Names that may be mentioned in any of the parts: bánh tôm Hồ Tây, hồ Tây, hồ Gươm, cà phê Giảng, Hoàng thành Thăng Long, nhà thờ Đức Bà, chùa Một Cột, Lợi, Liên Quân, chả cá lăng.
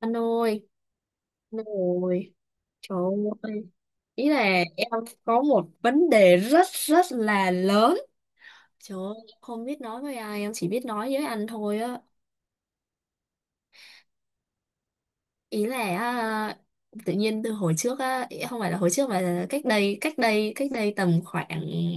Anh ơi, anh ơi, trời ơi, ý là em có một vấn đề rất rất là lớn. Trời ơi, em không biết nói với ai, em chỉ biết nói với anh thôi á. Ý là tự nhiên từ hồi trước á, không phải là hồi trước mà là cách đây tầm khoảng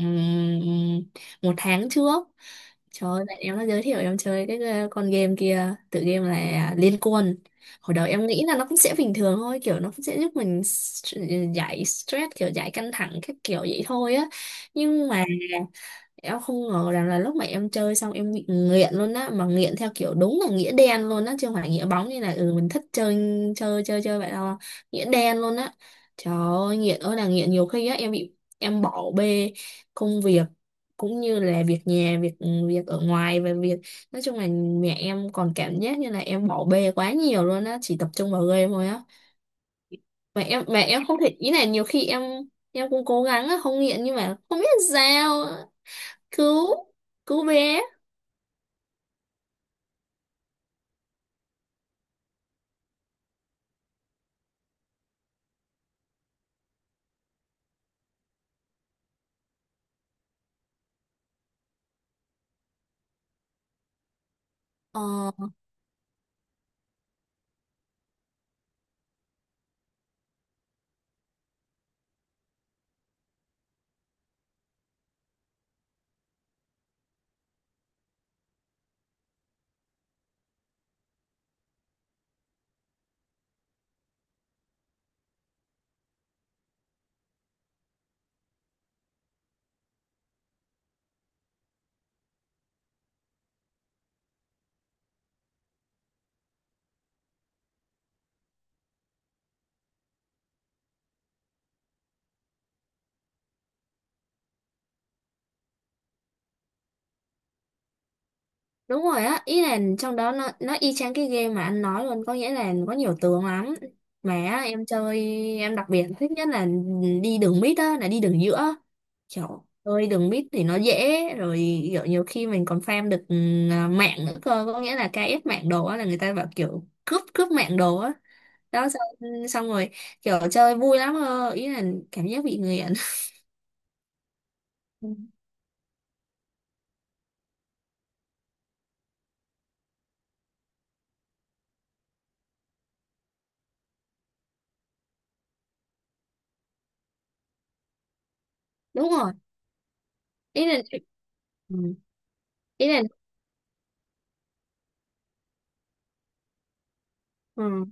ừm, một tháng trước. Trời ơi, bạn em nó giới thiệu em chơi cái con game kia, tựa game là Liên Quân. Hồi đầu em nghĩ là nó cũng sẽ bình thường thôi, kiểu nó cũng sẽ giúp mình giải stress, kiểu giải căng thẳng các kiểu vậy thôi á. Nhưng mà em không ngờ rằng là lúc mà em chơi xong em bị nghiện luôn á, mà nghiện theo kiểu đúng là nghĩa đen luôn á chứ không phải nghĩa bóng, như là mình thích chơi chơi chơi chơi vậy đâu. Nghĩa đen luôn á. Trời ơi, nghiện ơi là nghiện. Nhiều khi á em bị, em bỏ bê công việc, cũng như là việc nhà, việc việc ở ngoài, và việc, nói chung là mẹ em còn cảm giác như là em bỏ bê quá nhiều luôn á, chỉ tập trung vào game thôi á. Mà em mà em không thể, ý là nhiều khi em cũng cố gắng á không nghiện nhưng mà không biết sao. Cứu, cứu bé. Ờ, đúng rồi á, ý là trong đó nó y chang cái game mà anh nói luôn, có nghĩa là có nhiều tướng lắm mà á. Em chơi, em đặc biệt thích nhất là đi đường mid á, là đi đường giữa. Kiểu chơi đường mid thì nó dễ rồi, kiểu nhiều khi mình còn farm được mạng nữa cơ, có nghĩa là KS mạng đồ á, là người ta bảo kiểu cướp cướp mạng đồ á. Đó, xong, xong rồi, kiểu chơi vui lắm cơ. Ý là cảm giác bị nghiện. Ừ, đúng rồi, ý là ừ, ý là ừ.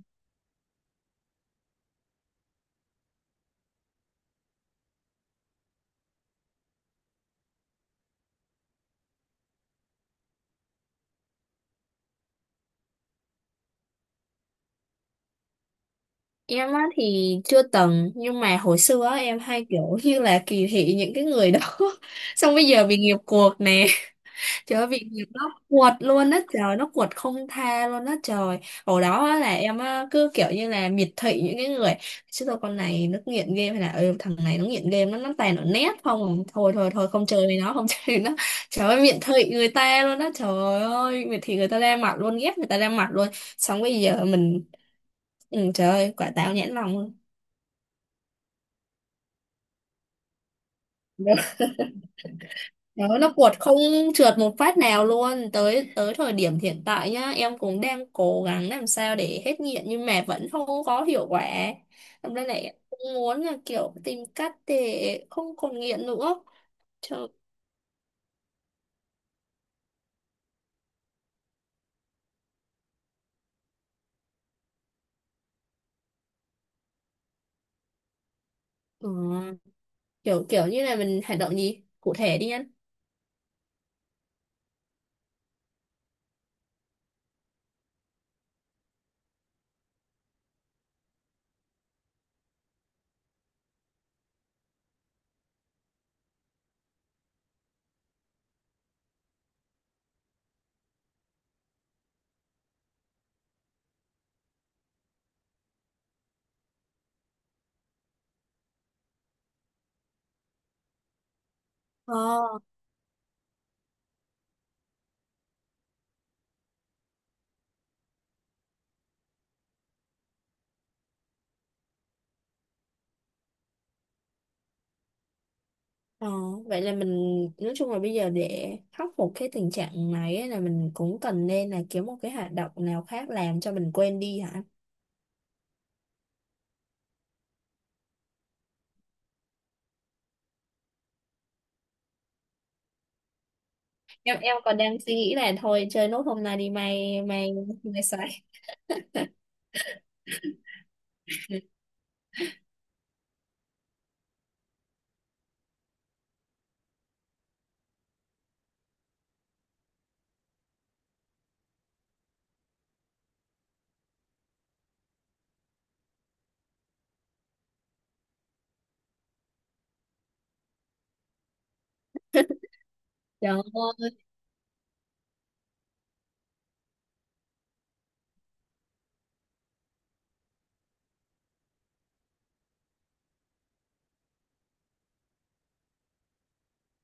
Em á thì chưa từng, nhưng mà hồi xưa á, em hay kiểu như là kỳ thị những cái người đó. Xong bây giờ bị nghiệp cuộc nè. Trời ơi, bị nghiệp nó quật luôn á, trời, nó quật không tha luôn á trời. Hồi đó á, là em á cứ kiểu như là miệt thị những cái người, chứ thôi con này nó nghiện game, hay là thằng này nó nghiện game, nó toàn ở net không à? Thôi thôi thôi, không chơi với nó, không chơi với nó. Trời ơi, miệt thị người ta luôn á, trời ơi, miệt thị người ta ra mặt luôn, ghét người ta ra mặt luôn. Xong bây giờ mình, trời ơi, quả táo nhãn lòng luôn. Đó, nó cuột không trượt một phát nào luôn, tới tới thời điểm hiện tại nhá, em cũng đang cố gắng làm sao để hết nghiện nhưng mà vẫn không có hiệu quả. Hôm nay lại cũng muốn là kiểu tìm cách để không còn nghiện nữa. Chờ, ừ, kiểu kiểu như là mình hành động gì cụ thể đi anh. Ờ, ờ, vậy là mình, nói chung là bây giờ để khắc phục cái tình trạng này ấy, là mình cũng cần nên là kiếm một cái hoạt động nào khác làm cho mình quên đi hả? Em còn đang suy nghĩ là thôi chơi nốt hôm nay đi, mày mày mày xài. Trời ơi.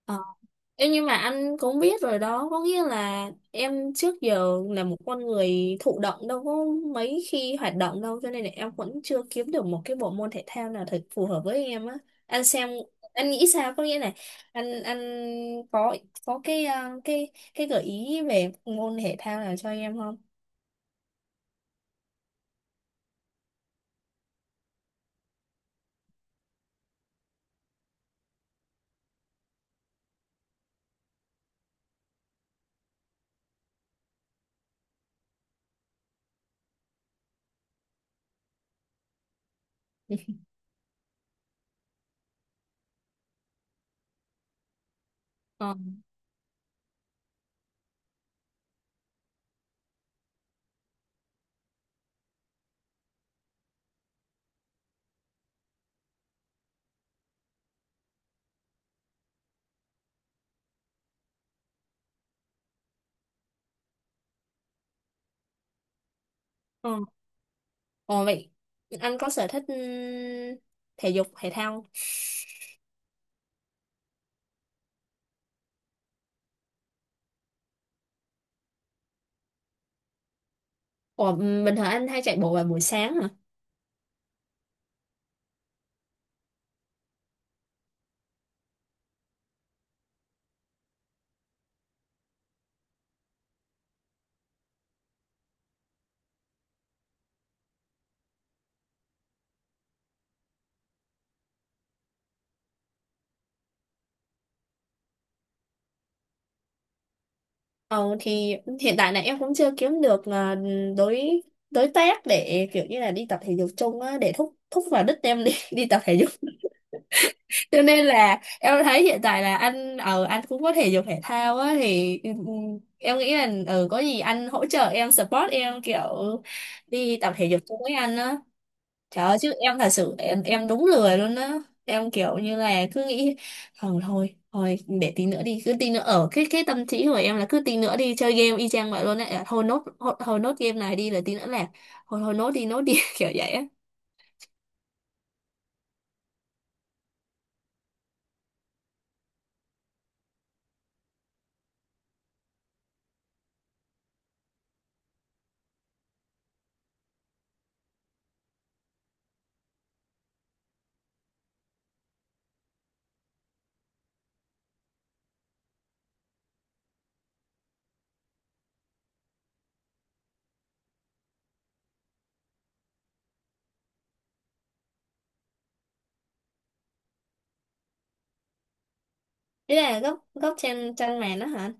ờ. Em, nhưng mà anh cũng biết rồi đó, có nghĩa là em trước giờ là một con người thụ động, đâu có mấy khi hoạt động đâu, cho nên là em vẫn chưa kiếm được một cái bộ môn thể thao nào thật phù hợp với em á. Anh xem, anh nghĩ sao, có nghĩa là anh có có cái cái gợi ý về môn thể thao nào cho em không? ờ ờ Ồ, vậy anh có sở thích thể dục thể thao không? Ồ, bình thường anh hay chạy bộ vào buổi sáng hả? Ồ, thì hiện tại là em cũng chưa kiếm được đối đối tác để kiểu như là đi tập thể dục chung á, để thúc thúc vào đích em đi đi tập thể dục. Cho nên là em thấy hiện tại là anh, ở anh cũng có thể dục thể thao á, thì em nghĩ là có gì anh hỗ trợ em, support em, kiểu đi tập thể dục chung với anh á. Trời ơi, chứ em thật sự, em đúng lười luôn á. Em kiểu như là cứ nghĩ thôi thôi thôi để tí nữa đi, cứ tí nữa, ở cái tâm trí của em là cứ tí nữa đi chơi game y chang vậy luôn á. À, thôi nốt thôi, thôi nốt game này đi rồi tí nữa là thôi thôi nốt đi nốt đi, kiểu vậy á. Thế là góc góc trên chân màn đó hả?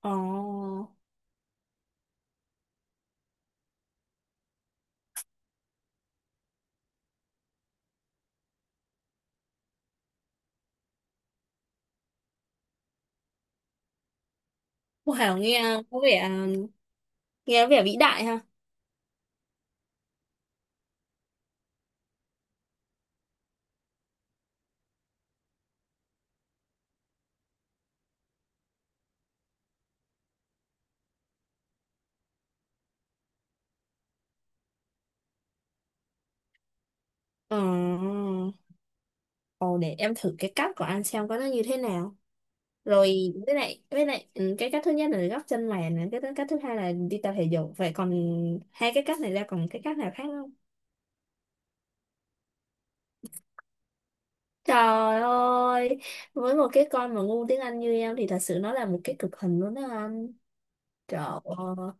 Ồ. Wow, nghe có vẻ vĩ đại ha. Ờ. Ồ, để em thử cái cắt của anh xem có nó như thế nào. Rồi, với lại cái cách thứ nhất là gấp chân mày này, cái cách thứ hai là đi tập thể dục, vậy còn, hai cái cách này ra, còn cái cách nào khác không? Trời ơi, với một cái con mà ngu tiếng Anh như em thì thật sự nó là một cái cực hình luôn đó anh. Trời ơi.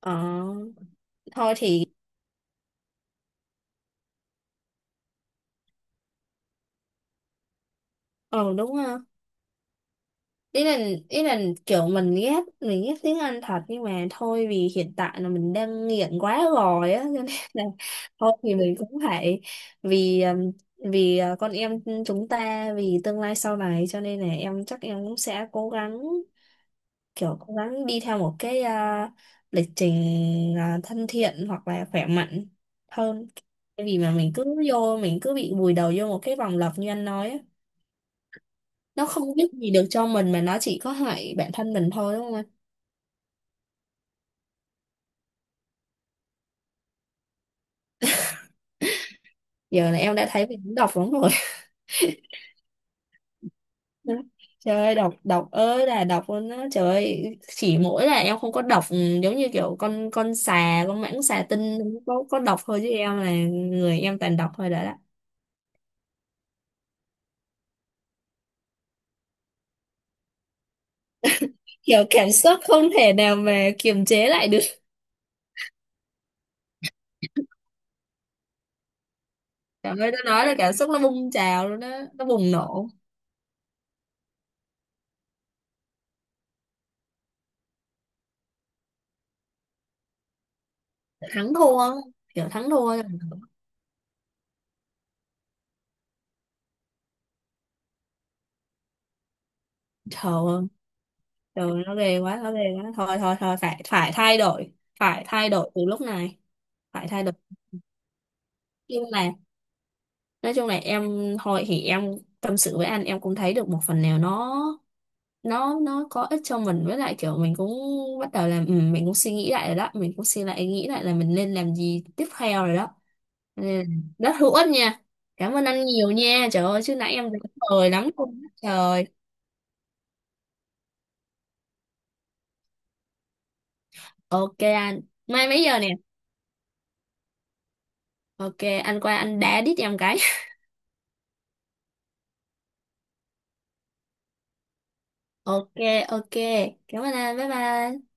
ờ thôi thì, ờ đúng, ý là ý là kiểu mình ghét tiếng Anh thật, nhưng mà thôi vì hiện tại là mình đang nghiện quá rồi á, cho nên là thôi thì mình cũng phải, vì vì con em, chúng ta, vì tương lai sau này, cho nên là em chắc em cũng sẽ cố gắng, kiểu cố gắng đi theo một cái lịch trình thân thiện hoặc là khỏe mạnh hơn. Tại vì mà mình cứ bị vùi đầu vô một cái vòng lặp như anh nói á, nó không biết gì được cho mình mà nó chỉ có hại bản thân mình thôi đúng không anh? Giờ là em đã thấy mình đọc lắm rồi. Đó. Trời ơi, đọc đọc ơi là đọc luôn á, trời ơi, chỉ mỗi là em không có đọc, giống như kiểu con xà, con mãng xà tinh không có đọc thôi, chứ em là người em toàn đọc thôi đã đó. Kiểu cảm xúc không thể nào mà kiềm chế lại được. Trời ơi nó, nói là cảm xúc nó bùng trào luôn đó, nó bùng nổ. Thắng thua, kiểu thắng thua. Trời rồi, nó ghê quá, nó ghê quá, thôi thôi thôi, phải phải thay đổi, phải thay đổi từ lúc này, phải thay đổi. Nhưng là, nói chung là em hồi thì em tâm sự với anh em cũng thấy được một phần nào, nó có ích cho mình, với lại kiểu mình cũng bắt đầu là, mình cũng suy nghĩ lại rồi đó, mình cũng suy lại nghĩ lại là mình nên làm gì tiếp theo rồi đó, nên là rất hữu ích nha. Cảm ơn anh nhiều nha, trời ơi, chứ nãy em cười lắm luôn á. Trời. Ok anh, mai mấy giờ nè? Ok, anh qua anh đá đít em cái. Ok. Ok, cảm ơn anh, bye bye.